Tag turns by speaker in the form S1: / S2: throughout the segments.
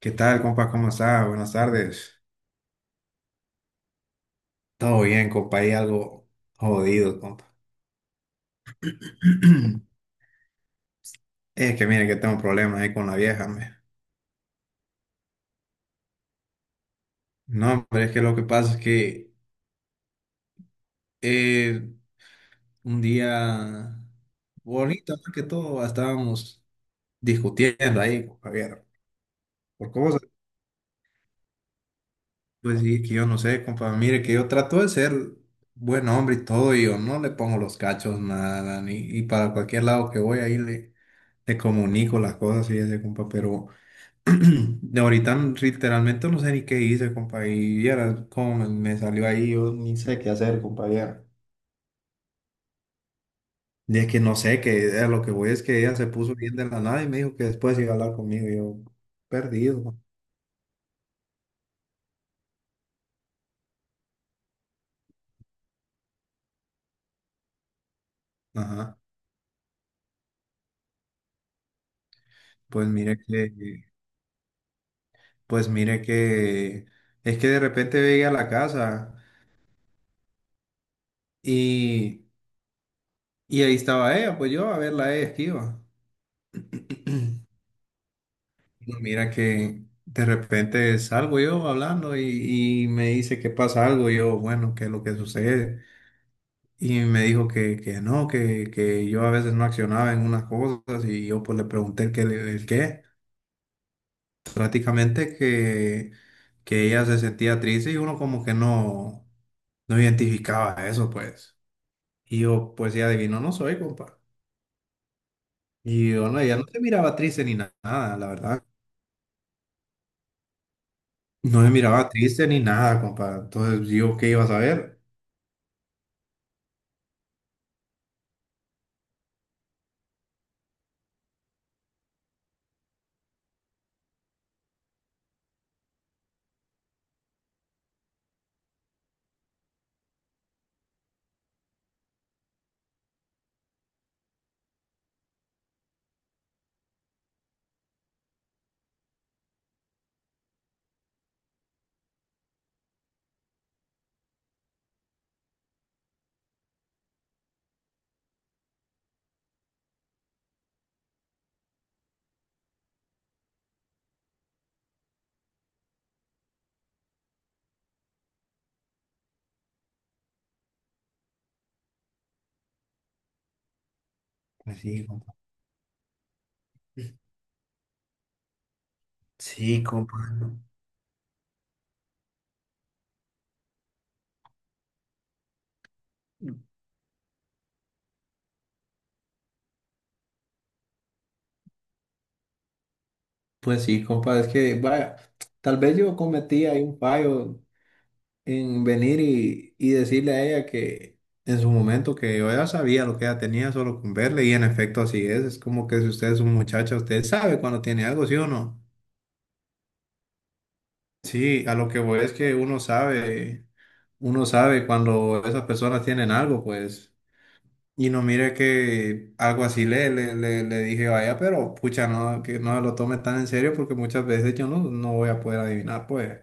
S1: ¿Qué tal, compa? ¿Cómo está? Buenas tardes. Todo bien, compa. Hay algo jodido, compa. Es que mire que tengo problemas ahí con la vieja, me. No, pero es que lo que pasa es que eh, un día bonito, más que todo, estábamos discutiendo ahí, compa, vieron, por cosas. Pues sí, que yo no sé, compa. Mire que yo trato de ser buen hombre y todo, y yo no le pongo los cachos, nada, ni, y para cualquier lado que voy ahí le, le comunico las cosas y ese, compa, pero. De ahorita literalmente no sé ni qué hice, compa, como me salió ahí, yo ni sé qué hacer, compa, vieras. Es que no sé, que a lo que voy es que ella se puso bien de la nada y me dijo que después iba a hablar conmigo, y yo, perdido. Ajá, pues mire que, pues mire que, es que de repente llegué a la casa y, y ahí estaba ella, pues yo a verla a ella esquiva. No, mira que de repente salgo yo hablando y me dice que pasa algo, y yo, bueno, ¿qué es lo que sucede? Y me dijo que no, que yo a veces no accionaba en unas cosas y yo pues le pregunté el qué, el qué. Prácticamente que ella se sentía triste y uno como que no, no identificaba eso, pues. Y yo, pues ya adivino, no soy, compa. Y yo, no, ella no se miraba triste ni nada, la verdad. No se miraba triste ni nada, compa. Entonces, yo, ¿qué iba a saber? Pues sí, compa. Sí, compa. No. Pues sí, compa, es que, vaya, tal vez yo cometí ahí un fallo en venir y decirle a ella que en su momento que yo ya sabía lo que ella tenía solo con verle y en efecto así es como que si usted es un muchacho, usted sabe cuando tiene algo, ¿sí o no? Sí, a lo que voy es que uno sabe cuando esas personas tienen algo, pues. Y no mire que algo así le, le, le, le dije, vaya, pero pucha, no, que no se lo tome tan en serio porque muchas veces yo no, no voy a poder adivinar, pues,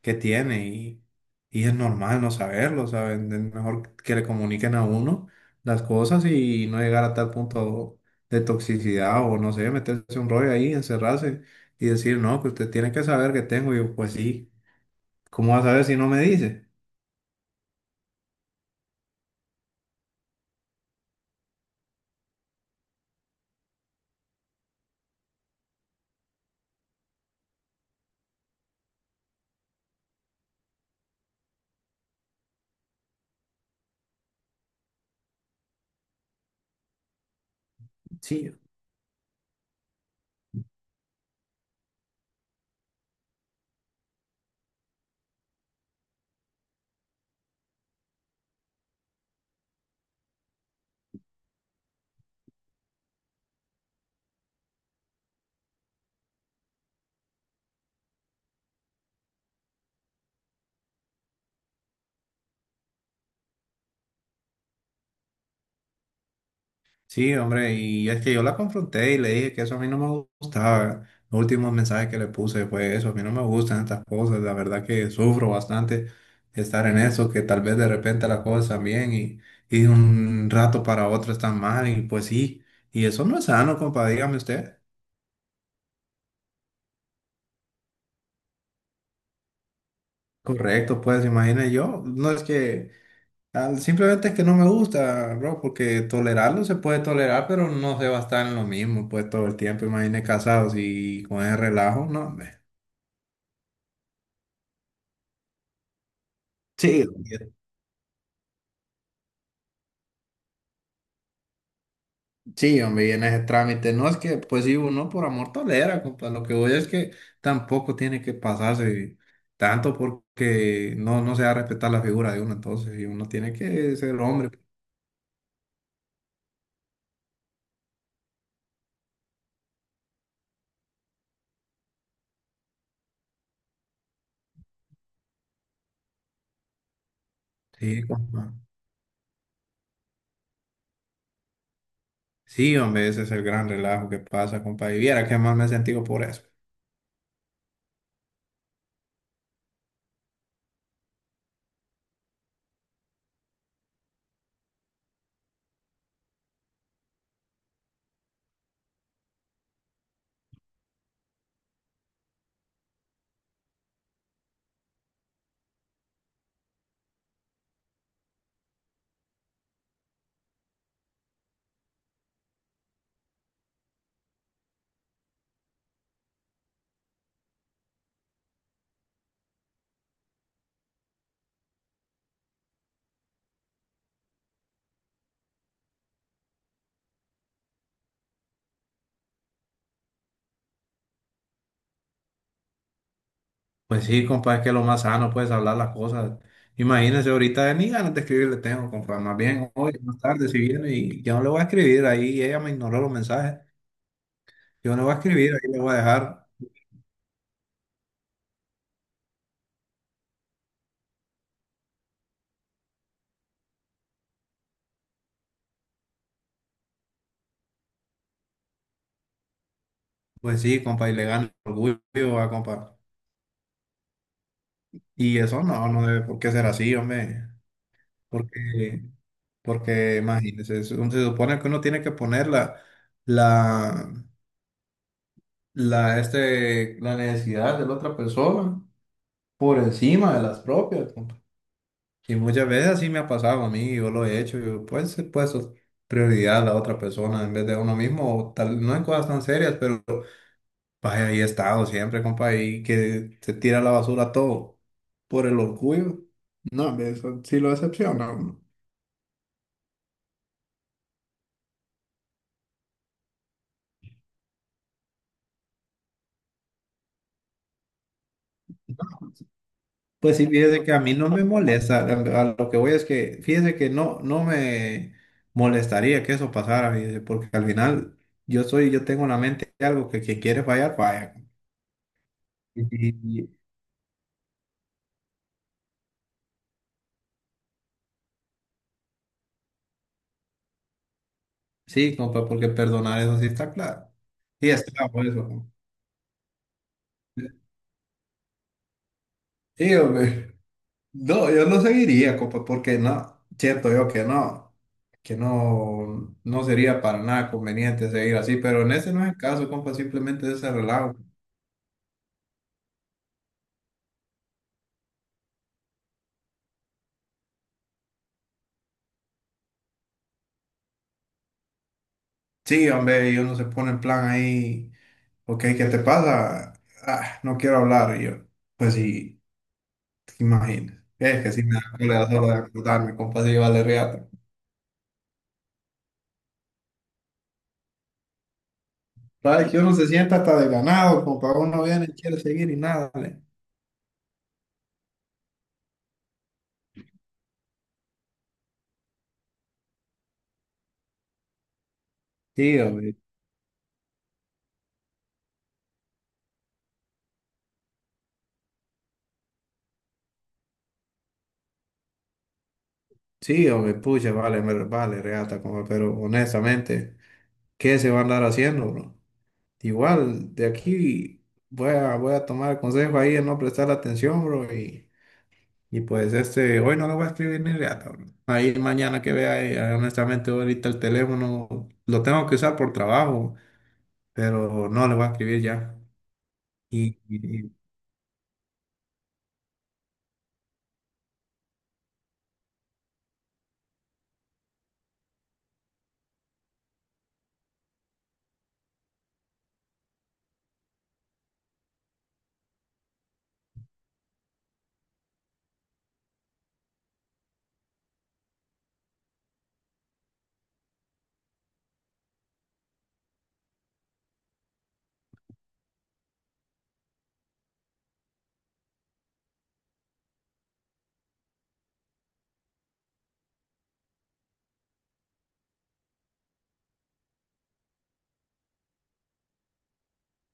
S1: qué tiene y es normal no saberlo, ¿saben? Es mejor que le comuniquen a uno las cosas y no llegar a tal punto de toxicidad o no sé, meterse un rollo ahí, encerrarse y decir, no, que usted tiene que saber que tengo. Y yo, pues sí, ¿cómo va a saber si no me dice? Sí. Sí, hombre, y es que yo la confronté y le dije que eso a mí no me gustaba. Los últimos mensajes que le puse fue eso, a mí no me gustan estas cosas, la verdad que sufro bastante estar en eso, que tal vez de repente las cosas están bien y de un rato para otro están mal y pues sí, y eso no es sano, compa, dígame usted. Correcto, pues imagine yo, no es que, simplemente es que no me gusta, bro, porque tolerarlo se puede tolerar, pero no se va a estar en lo mismo, pues todo el tiempo, imagine casados y con ese relajo, no, hombre. Sí, hombre, sí, hombre, y en ese trámite, no es que, pues sí, uno por amor tolera, compa, lo que voy es que tampoco tiene que pasarse tanto porque no, no se va a respetar la figura de uno, entonces, y uno tiene que ser hombre, sí, compa, sí, hombre, ese es el gran relajo que pasa, compa, y viera que más me he sentido por eso. Pues sí, compa, es que lo más sano, puedes hablar las cosas. Imagínese ahorita ni ganas de escribirle tengo, compa, más bien hoy, más tarde, si viene, y yo no le voy a escribir, ahí ella me ignoró los mensajes. Yo no voy a escribir, ahí le voy a dejar. Pues sí, compa, y le gano el orgullo a compa. Y eso no, no debe por qué ser así, hombre. Porque, porque imagínese, se se supone que uno tiene que poner la, la necesidad de la otra persona por encima de las propias, compa. Y muchas veces así me ha pasado a mí, yo lo he hecho, yo pues he puesto prioridad a la otra persona en vez de a uno mismo, o tal, no en cosas tan serias, pero vaya, ahí he estado siempre, compa, y que se tira a la basura todo por el orgullo. No, hombre, eso sí lo decepciona a uno. Pues sí, fíjese que a mí no me molesta. A lo que voy es que, fíjese que no, no me molestaría que eso pasara, fíjese, porque al final yo soy, yo tengo en la mente algo que quien quiere fallar, falla. Y- y- sí, compa, porque perdonar eso sí está claro. Sí está, por eso, compa. Sí, hombre. No, yo no seguiría, compa, porque no, siento yo que no, no sería para nada conveniente seguir así, pero en ese no es el caso, compa, simplemente es ese relajo. Sí, hombre, y uno se pone en plan ahí, ok, ¿qué te pasa? Ah, no quiero hablar, y yo, pues sí, te imaginas, es que sí me da cólera solo de acordarme, compa, sí vale reata. Sabes que uno se sienta hasta desganado, compa, uno viene y quiere seguir y nada, le- Sí, hombre. Sí, hombre, pucha, vale, vale, reata, como, pero honestamente, ¿qué se va a andar haciendo, bro? Igual, de aquí voy a tomar el consejo ahí de no prestar atención, bro, y pues este, hoy no lo voy a escribir ni reata, bro. Ahí mañana que vea, honestamente, ahorita el teléfono lo tengo que usar por trabajo, pero no le voy a escribir ya. Y, y- y-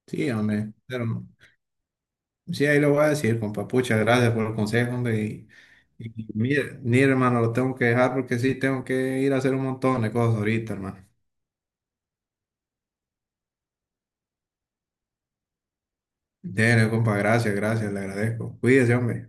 S1: sí, hombre, pero sí, ahí lo voy a decir, compa. Pucha, gracias por el consejo, hombre. Y mire, mire, hermano, lo tengo que dejar porque sí, tengo que ir a hacer un montón de cosas ahorita, hermano. Dele, compa, gracias, gracias, le agradezco. Cuídese, hombre.